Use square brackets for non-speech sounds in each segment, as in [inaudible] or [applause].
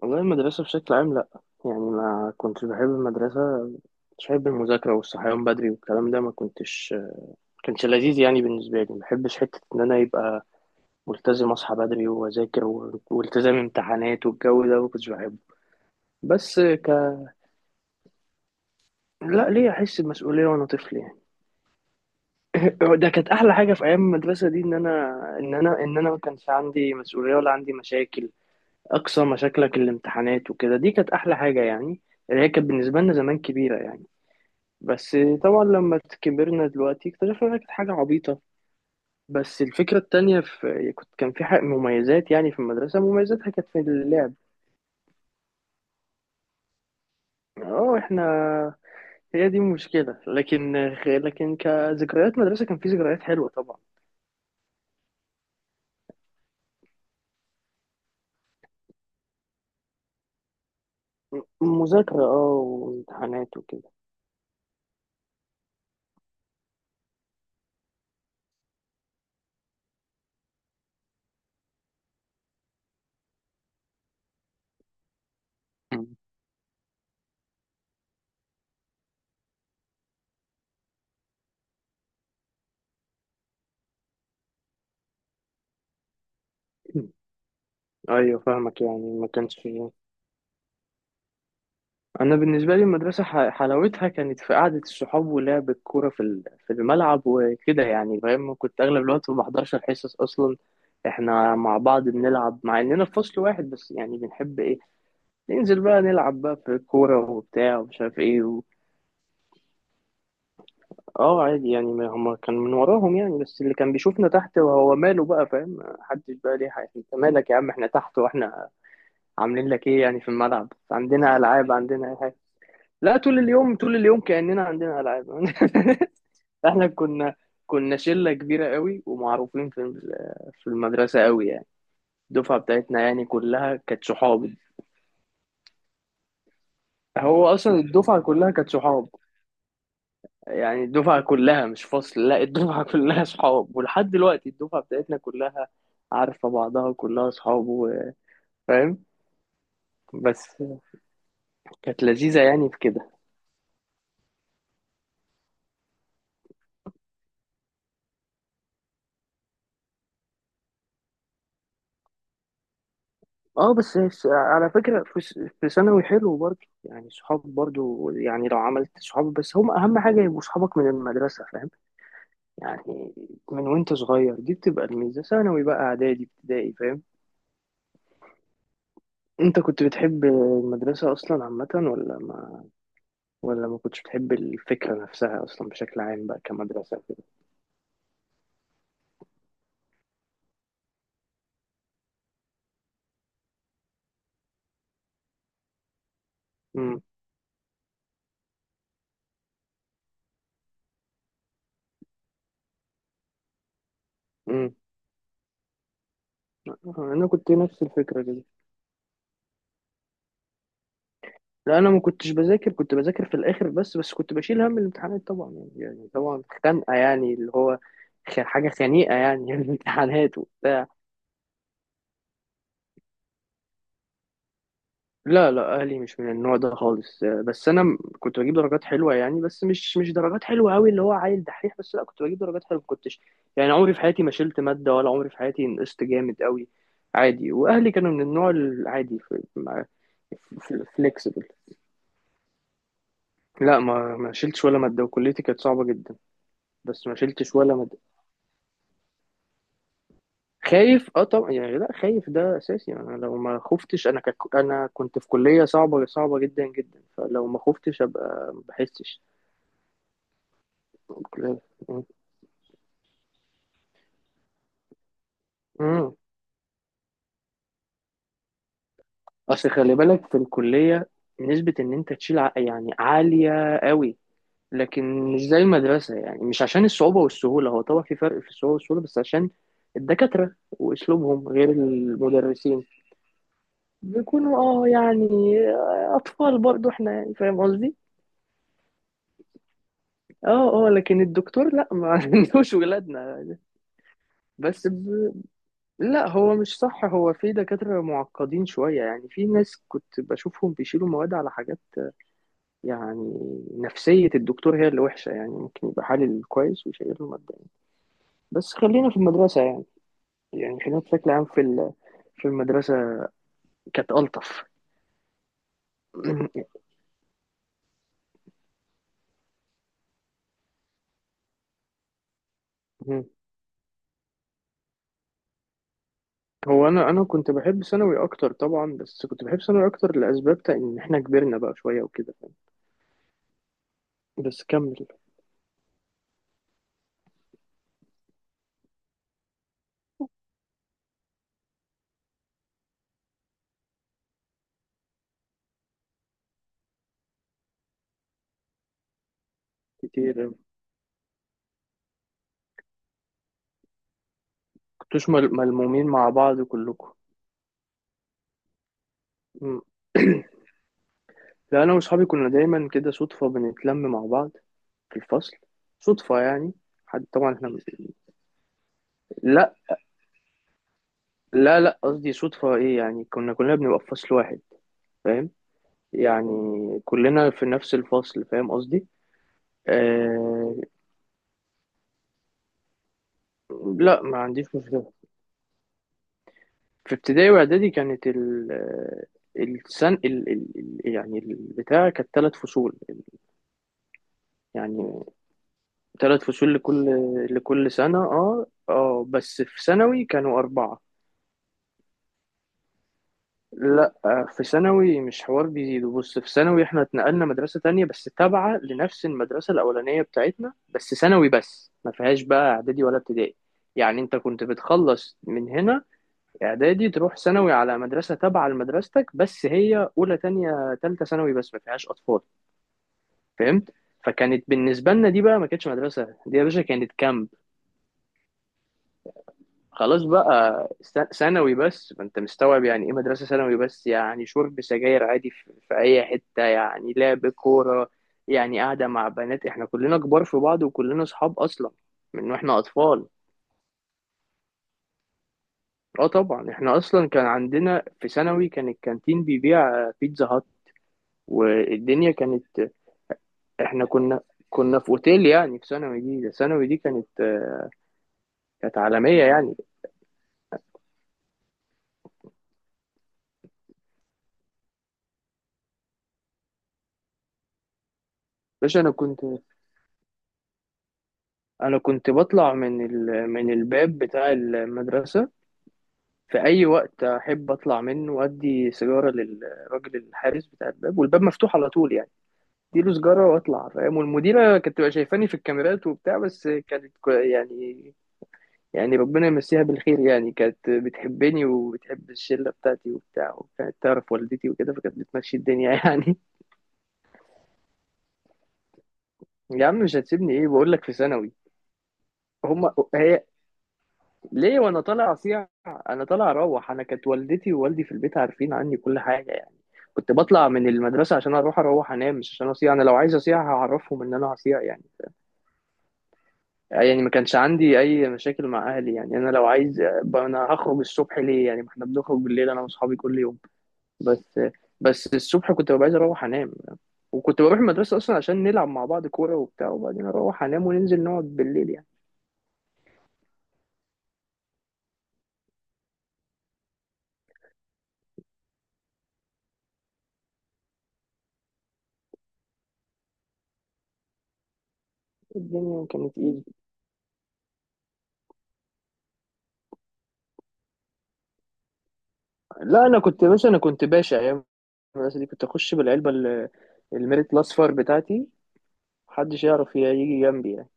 والله المدرسة بشكل عام لأ، يعني ما كنتش بحب المدرسة. كنتش بحب المذاكرة والصحيان بدري والكلام ده، ما كنتش كانش لذيذ يعني بالنسبة لي. ما بحبش حتة إن أنا يبقى ملتزم أصحى بدري وأذاكر والتزام امتحانات والجو ده ما كنتش بحبه. بس ك... لا، ليه أحس بمسؤولية وأنا طفل يعني؟ [laughs] ده كانت أحلى حاجة في أيام المدرسة دي، إن أنا ما كانش عندي مسؤولية ولا عندي مشاكل. أقصى مشاكلك الامتحانات وكده، دي كانت أحلى حاجة يعني، اللي هي كانت بالنسبة لنا زمان كبيرة يعني. بس طبعا لما كبرنا دلوقتي اكتشفنا انها كانت حاجة عبيطة. بس الفكرة التانية، في كنت كان في حق مميزات يعني، في المدرسة مميزاتها كانت في اللعب. اه، هي دي المشكلة. لكن كذكريات مدرسة كان في ذكريات حلوة طبعا. مذاكرة، وامتحانات وكده. مم. ايوه، فاهمك يعني ما كانش. انا بالنسبه لي المدرسه، حلاوتها كانت في قعده الصحاب ولعب الكوره في الملعب وكده يعني فاهم. كنت اغلب الوقت ما بحضرش الحصص اصلا. احنا مع بعض بنلعب، مع اننا في فصل واحد بس، يعني بنحب ايه ننزل بقى نلعب بقى في الكوره وبتاع ومش عارف ايه اه، عادي يعني، ما هم كان من وراهم يعني، بس اللي كان بيشوفنا تحت وهو ماله بقى فاهم؟ محدش بقى ليه حاجه، انت مالك يا عم، احنا تحت، واحنا عاملين لك ايه يعني؟ في الملعب عندنا، العاب عندنا. لا، طول اليوم طول اليوم كأننا عندنا ألعاب. [laughs] احنا كنا شلة كبيرة قوي ومعروفين في المدرسة قوي يعني. الدفعة بتاعتنا يعني كلها كانت صحاب. هو أصلا الدفعة كلها كانت صحاب يعني. الدفعة كلها مش فصل، لا، الدفعة [laughs] كلها صحاب. ولحد دلوقتي الدفعة بتاعتنا كلها عارفة بعضها، كلها صحاب و... فاهم. بس كانت لذيذة يعني في كده. اه، على فكرة، في ثانوي حلو برضه يعني، صحاب برضه يعني. لو عملت صحاب، بس هم أهم حاجة يبقوا صحابك من المدرسة فاهم، يعني من وأنت صغير دي بتبقى الميزة، ثانوي بقى، إعدادي، ابتدائي، فاهم. أنت كنت بتحب المدرسة أصلا عامة ولا ما كنتش بتحب الفكرة نفسها أصلا بشكل عام بقى كمدرسة كده؟ امم. امم. أنا كنت نفس الفكرة كده. لا، انا ما كنتش بذاكر، كنت بذاكر في الاخر بس كنت بشيل هم الامتحانات طبعا يعني طبعا خنقه يعني، اللي هو حاجه خنيقه يعني. [laughs] الامتحانات وبتاع. لا لا، اهلي مش من النوع ده خالص. بس انا كنت بجيب درجات حلوه يعني، بس مش درجات حلوه قوي اللي هو عيل دحيح، بس لا كنت بجيب درجات حلوه، ما كنتش يعني. عمري في حياتي ما شلت ماده، ولا عمري في حياتي نقصت جامد قوي، عادي. واهلي كانوا من النوع العادي في فليكسبل. لا، ما شلتش ولا ماده وكليتي كانت صعبه جدا. بس ما شلتش ولا ماده. خايف؟ اه طبعا يعني، لا خايف ده اساسي. انا لو ما خفتش، انا كنت في كليه صعبه، صعبه جدا جدا، فلو ما خفتش ابقى ما بحسش الكليه. امم اصل خلي بالك في الكليه، نسبه ان انت تشيل يعني عاليه قوي. لكن مش زي المدرسه يعني، مش عشان الصعوبه والسهوله، هو طبعا في فرق في الصعوبه والسهوله، بس عشان الدكاتره واسلوبهم غير المدرسين. بيكونوا اه يعني، اطفال برضو احنا يعني فاهم قصدي؟ اه اه، لكن الدكتور لا ما [laughs] عندوش ولادنا. بس ب... لا، هو مش صح، هو في دكاترة معقدين شوية يعني، في ناس كنت بشوفهم بيشيلوا مواد على حاجات يعني. نفسية الدكتور هي اللي وحشة يعني، ممكن يبقى حالل كويس ويشيل له مادة يعني. بس خلينا في المدرسة يعني خلينا بشكل عام في المدرسة، كانت ألطف. [clears throat] هو انا كنت بحب ثانوي اكتر طبعا، بس كنت بحب ثانوي اكتر لاسباب تا ان احنا كبرنا بقى شويه وكده فاهم؟ بس كمل. كتير. انتوش ملمومين مع بعض كلكم؟ مم. [clears throat] لا انا واصحابي كنا دايما كده صدفه بنتلم مع بعض في الفصل، صدفه يعني. حد طبعا احنا لا لا لا، قصدي صدفه ايه، يعني كنا كلنا بنبقى في فصل واحد فاهم، يعني كلنا في نفس الفصل فاهم قصدي؟ آه... لا، ما عنديش مشكله. في ابتدائي واعدادي كانت ال السن ال... ال... ال... يعني البتاع كانت ثلاث فصول، يعني ثلاث فصول لكل سنة. اه اه، بس في ثانوي كانوا أربعة. لا، في ثانوي مش حوار بيزيدوا، بص، في ثانوي احنا اتنقلنا مدرسة تانية، بس تابعة لنفس المدرسة الأولانية بتاعتنا، بس ثانوي بس ما فيهاش بقى إعدادي ولا ابتدائي. يعني انت كنت بتخلص من هنا إعدادي، تروح ثانوي على مدرسة تابعة لمدرستك، بس هي أولى تانية تالتة ثانوي بس ما فيهاش أطفال، فهمت؟ فكانت بالنسبة لنا دي بقى ما كانتش مدرسة دي يا باشا، كانت كامب. خلاص بقى، ثانوي بس، فانت مستوعب يعني ايه مدرسة ثانوي بس؟ يعني شرب سجاير عادي في في اي حتة يعني، لعب كورة يعني، قاعدة مع بنات، احنا كلنا كبار في بعض وكلنا اصحاب اصلا من واحنا اطفال. اه طبعا، احنا اصلا كان عندنا في ثانوي كان الكانتين بيبيع بيتزا هات، والدنيا كانت. احنا كنا في اوتيل يعني. في ثانوي دي كانت، كانت عالمية يعني. باشا، انا كنت بطلع من من الباب بتاع المدرسة في أي وقت أحب أطلع منه، وأدي سيجارة للراجل الحارس بتاع الباب، والباب مفتوح على طول يعني. أديله سيجارة وأطلع فاهم، والمديرة كانت تبقى شايفاني في الكاميرات وبتاع، بس كانت يعني ربنا يمسيها بالخير يعني، كانت بتحبني وبتحب الشلة بتاعتي وبتاع، وكانت تعرف والدتي وكده، فكانت بتمشي الدنيا يعني. [laughs] يا عم، مش هتسيبني إيه، بقول لك في ثانوي. هما هي ليه وانا طالع اصيع، انا طالع اروح. انا كانت والدتي ووالدي في البيت عارفين عني كل حاجه يعني. كنت بطلع من المدرسه عشان اروح انام، مش عشان اصيع، انا لو عايز اصيع هعرفهم ان انا هصيع يعني. يعني ما كانش عندي اي مشاكل مع اهلي يعني. انا لو عايز انا هخرج الصبح ليه يعني، ما احنا بنخرج بالليل انا واصحابي كل يوم. بس بس الصبح كنت ببقى عايز اروح انام. وكنت بروح المدرسه اصلا عشان نلعب مع بعض كوره وبتاع، وبعدين اروح انام وننزل نقعد بالليل يعني. الدنيا كانت ايزي. لا انا كنت باشا، انا كنت باشا ايام. بس دي كنت اخش بالعلبه الميريت الاصفر بتاعتي، محدش يعرف يجي جنبي يعني.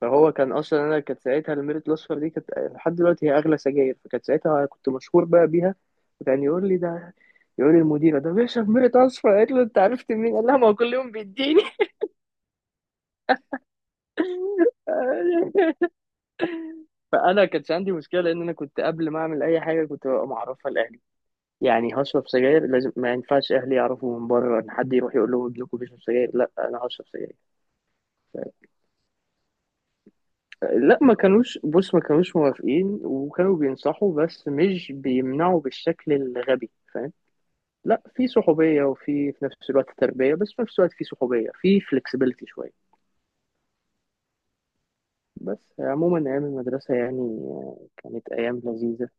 فهو كان اصلا، انا كانت ساعتها الميريت الاصفر دي كانت لحد دلوقتي هي اغلى سجاير، فكانت ساعتها كنت مشهور بقى بيها. وكان يقول لي ده، يقول لي المديره ده بيشرب ميريت اصفر، قالت له: انت عرفت منين؟ قال لها: ما هو كل يوم بيديني. [laughs] فانا كانت عندي مشكله، لان انا كنت قبل ما اعمل اي حاجه كنت ببقى معرفها لاهلي. يعني هشرب سجاير، لازم ما ينفعش اهلي يعرفوا من بره، ان حد يروح يقول لهم ابنكم بيشرب سجاير، لا انا هشرب سجاير. لا، ما كانوش بص، ما كانوش موافقين وكانوا بينصحوا بس مش بيمنعوا بالشكل الغبي فاهم. لا، في صحوبية، في نفس الوقت تربية، بس في نفس الوقت في صحوبية، في فلكسبيليتي شوية. بس عموما أيام المدرسة يعني، كانت أيام لذيذة.